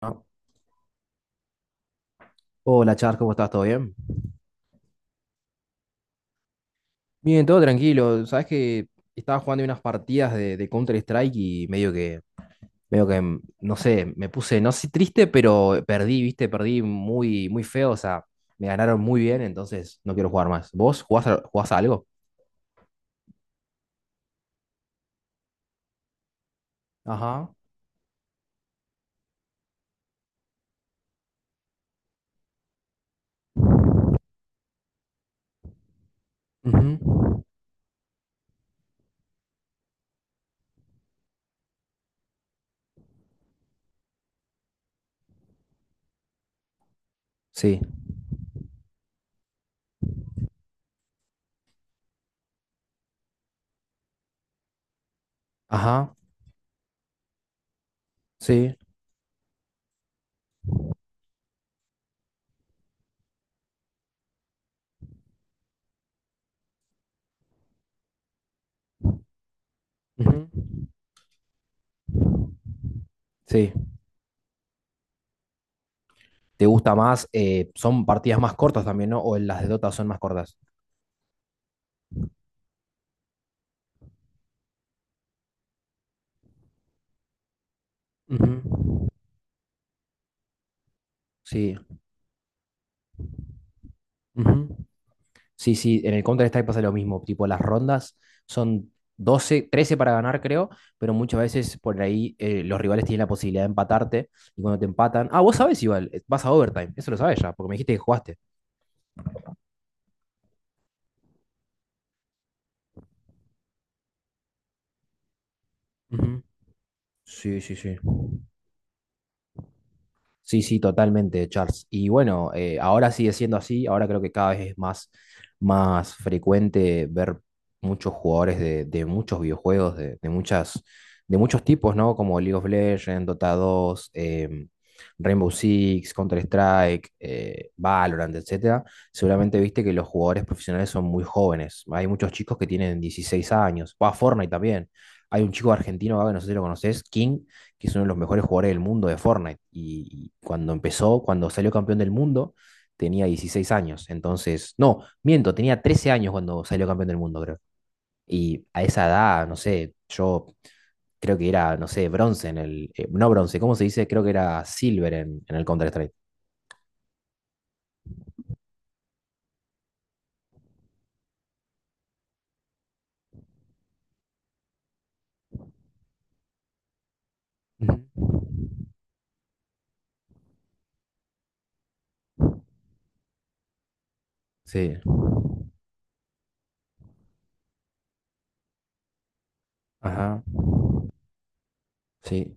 ¿No? Hola, Charles, ¿cómo estás? ¿Todo bien? Bien, todo tranquilo. Sabes que estaba jugando unas partidas de Counter-Strike y no sé, me puse, no sé, triste, pero perdí, viste, perdí muy, muy feo. O sea, me ganaron muy bien, entonces no quiero jugar más. ¿Vos jugás a algo? Ajá. Ujú. Sí. Ajá. Sí. Ujú. Sí. ¿Te gusta más? Son partidas más cortas también, ¿no? ¿O las de Dota son más cortas? Ujú. Sí. Ujú. Sí, sí, en el Counter-Strike pasa lo mismo, tipo las rondas son 12 13 para ganar creo, pero muchas veces por ahí los rivales tienen la posibilidad de empatarte y cuando te empatan, ah, vos sabés igual, vas a overtime, eso lo sabes ya, porque me dijiste que jugaste. Ujú. Sí, sí, sí. Sí, sí, totalmente, Charles. Y bueno, ahora sigue siendo así, ahora creo que cada vez es más, más frecuente ver muchos jugadores de muchos videojuegos, de muchos tipos, ¿no? Como League of Legends, Dota dos, Rainbow Six, Counter-Strike, Valorant, etcétera. Seguramente viste que los jugadores profesionales son muy jóvenes. Hay muchos chicos que tienen 16 años. Va Fortnite también. Hay un chico argentino, Gabe, no sé si lo conoces, King, que es uno de los mejores jugadores del mundo de Fortnite. Y cuando empezó, cuando salió campeón del mundo, tenía 16 años. Entonces, no, miento, tenía 13 años cuando salió campeón del mundo, creo. Y a esa edad, no sé, yo creo que era, no sé, bronce en el. No bronce, ¿cómo se dice? Creo que era silver en el Counter-Strike. Ujú. Sí. Ajá. Sí.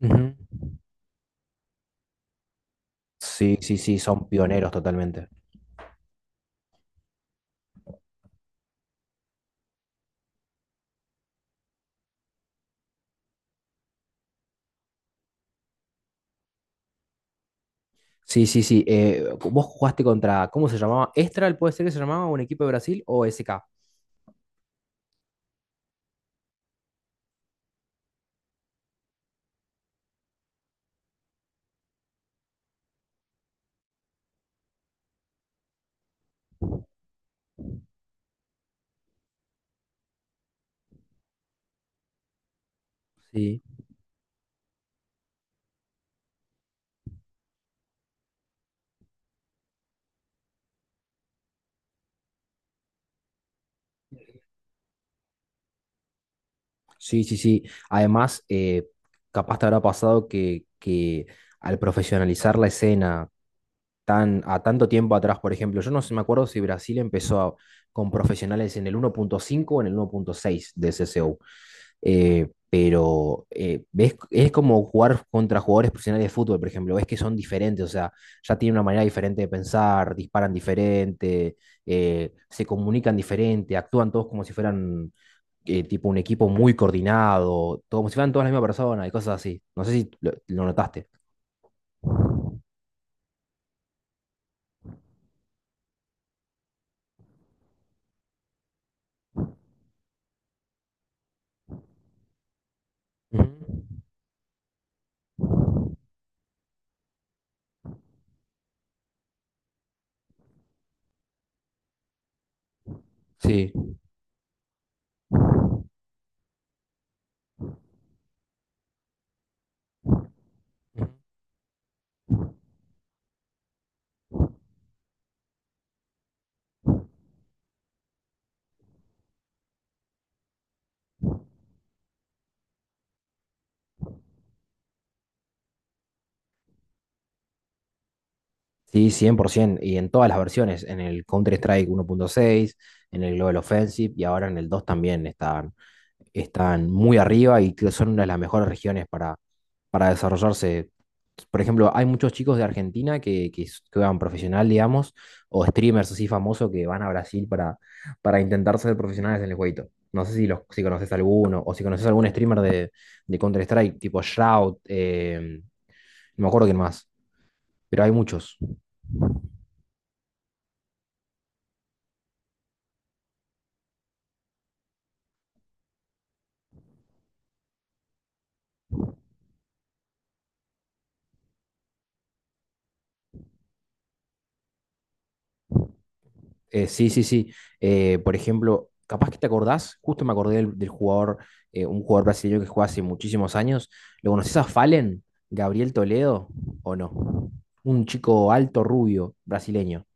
Ujú. Sí, sí, sí, son pioneros totalmente. Sí, sí, sí. Vos jugaste contra, ¿cómo se llamaba? ¿Estral puede ser que se llamaba un equipo de Brasil o SK? Sí, sí, sí, sí. Además, capaz te habrá pasado que al profesionalizar la escena a tanto tiempo atrás, por ejemplo, yo no sé, me acuerdo si Brasil empezó a- con profesionales en el 1.5 o en el 1.6 de CSU. Es como jugar contra jugadores profesionales de fútbol, por ejemplo, ves que son diferentes, o sea, ya tienen una manera diferente de pensar, disparan diferente, se comunican diferente, actúan todos como si fueran tipo un equipo muy coordinado, todo- como si fueran todas la misma persona y cosas así. No sé si lo notaste. Ujú. Sí. Sí, 100%, y en todas las versiones, en el Counter-Strike uno punto seis en el Global Offensive y ahora en el 2 también están, están muy arriba y que son una de las mejores regiones para desarrollarse. Por ejemplo, hay muchos chicos de Argentina que juegan profesional, digamos, o streamers así famosos que van a Brasil para intentar ser profesionales en el jueguito. No sé si conoces alguno o si conoces algún streamer de Counter-Strike, tipo Shroud, no me acuerdo quién más, pero hay muchos. Sí, sí, sí. Por ejemplo, capaz que te acordás, justo me acordé del jugador, un jugador brasileño que juega hace muchísimos años. ¿Lo conoces a Fallen? ¿Gabriel Toledo? ¿O no? Un chico alto, rubio, brasileño.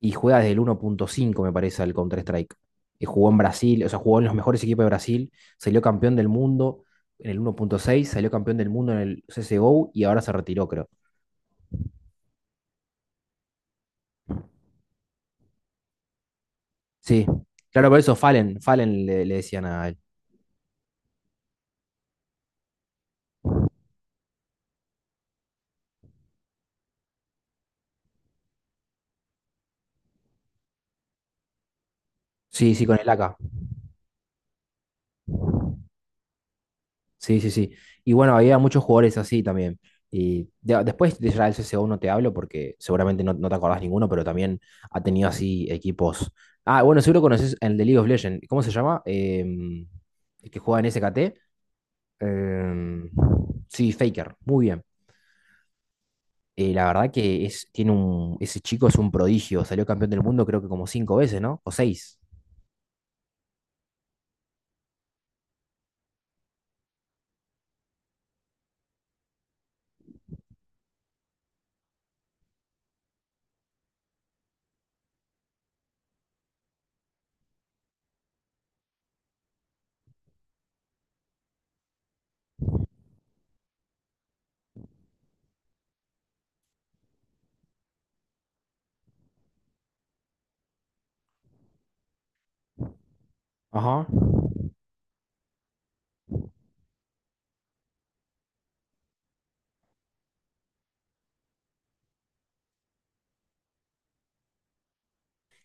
Y juega desde el uno punto cinco, me parece, al Counter-Strike. Jugó en Brasil, o sea, jugó en los mejores equipos de Brasil, salió campeón del mundo en el uno punto seis. Salió campeón del mundo en el CSGO y ahora se retiró, creo. Sí, claro, por eso Fallen le decían a él. Sí, sí, con el AK. Sí, sí, sí. Y bueno, había muchos jugadores así también. Y ya, después de Israel C CSGO no te hablo porque seguramente no te acordás ninguno, pero también ha tenido así equipos. Ah, bueno, seguro conoces el de League of Legends. ¿Cómo se llama? Em, el que juega en S SKT. Em, sí, Faker. Muy bien. La verdad que es, tiene un, ese chico es un prodigio. Salió campeón del mundo creo que como cinco veces, ¿no? O seis. Ajá.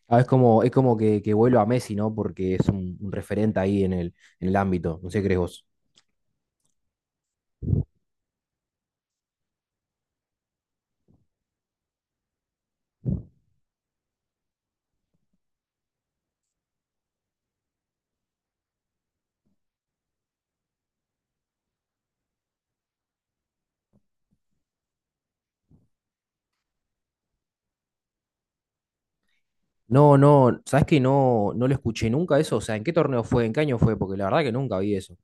Ah, es como que vuelo a Messi, ¿no? Porque es un referente ahí en el ámbito. No sé qué crees vos. No, no, ¿sabes que no, no lo escuché nunca eso? O sea, ¿en qué torneo fue? ¿En qué año fue? Porque la verdad que nunca vi eso.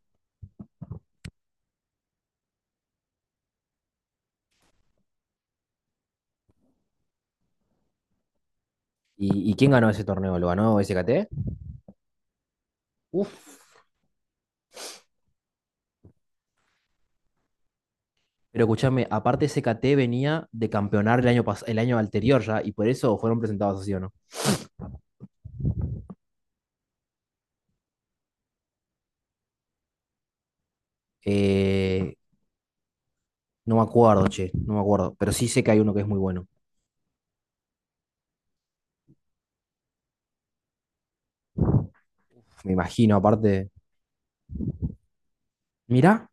Y quién ganó ese torneo? ¿Lo ganó SKT? Uf. Pero escúchame, aparte SKT venía de campeonar el año, pas- el año anterior ya, y por eso fueron presentados así, ¿o no? Eh, no me acuerdo, che, no me acuerdo. Pero sí sé que hay uno que es muy bueno. Me imagino, aparte. Mirá.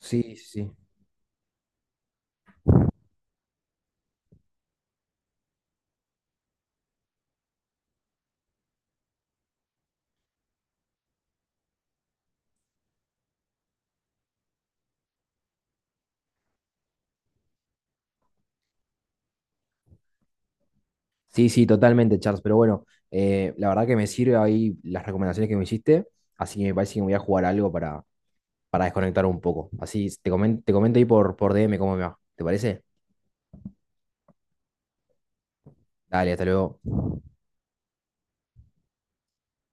Sí, sí. Sí. Sí, sí, totalmente, Charles. Pero bueno, la verdad que me sirve ahí las recomendaciones que me hiciste. Así que me parece que me voy a jugar algo para desconectar un poco. Así te comen- te comento ahí por DM cómo me va. ¿Te parece? Dale, hasta luego.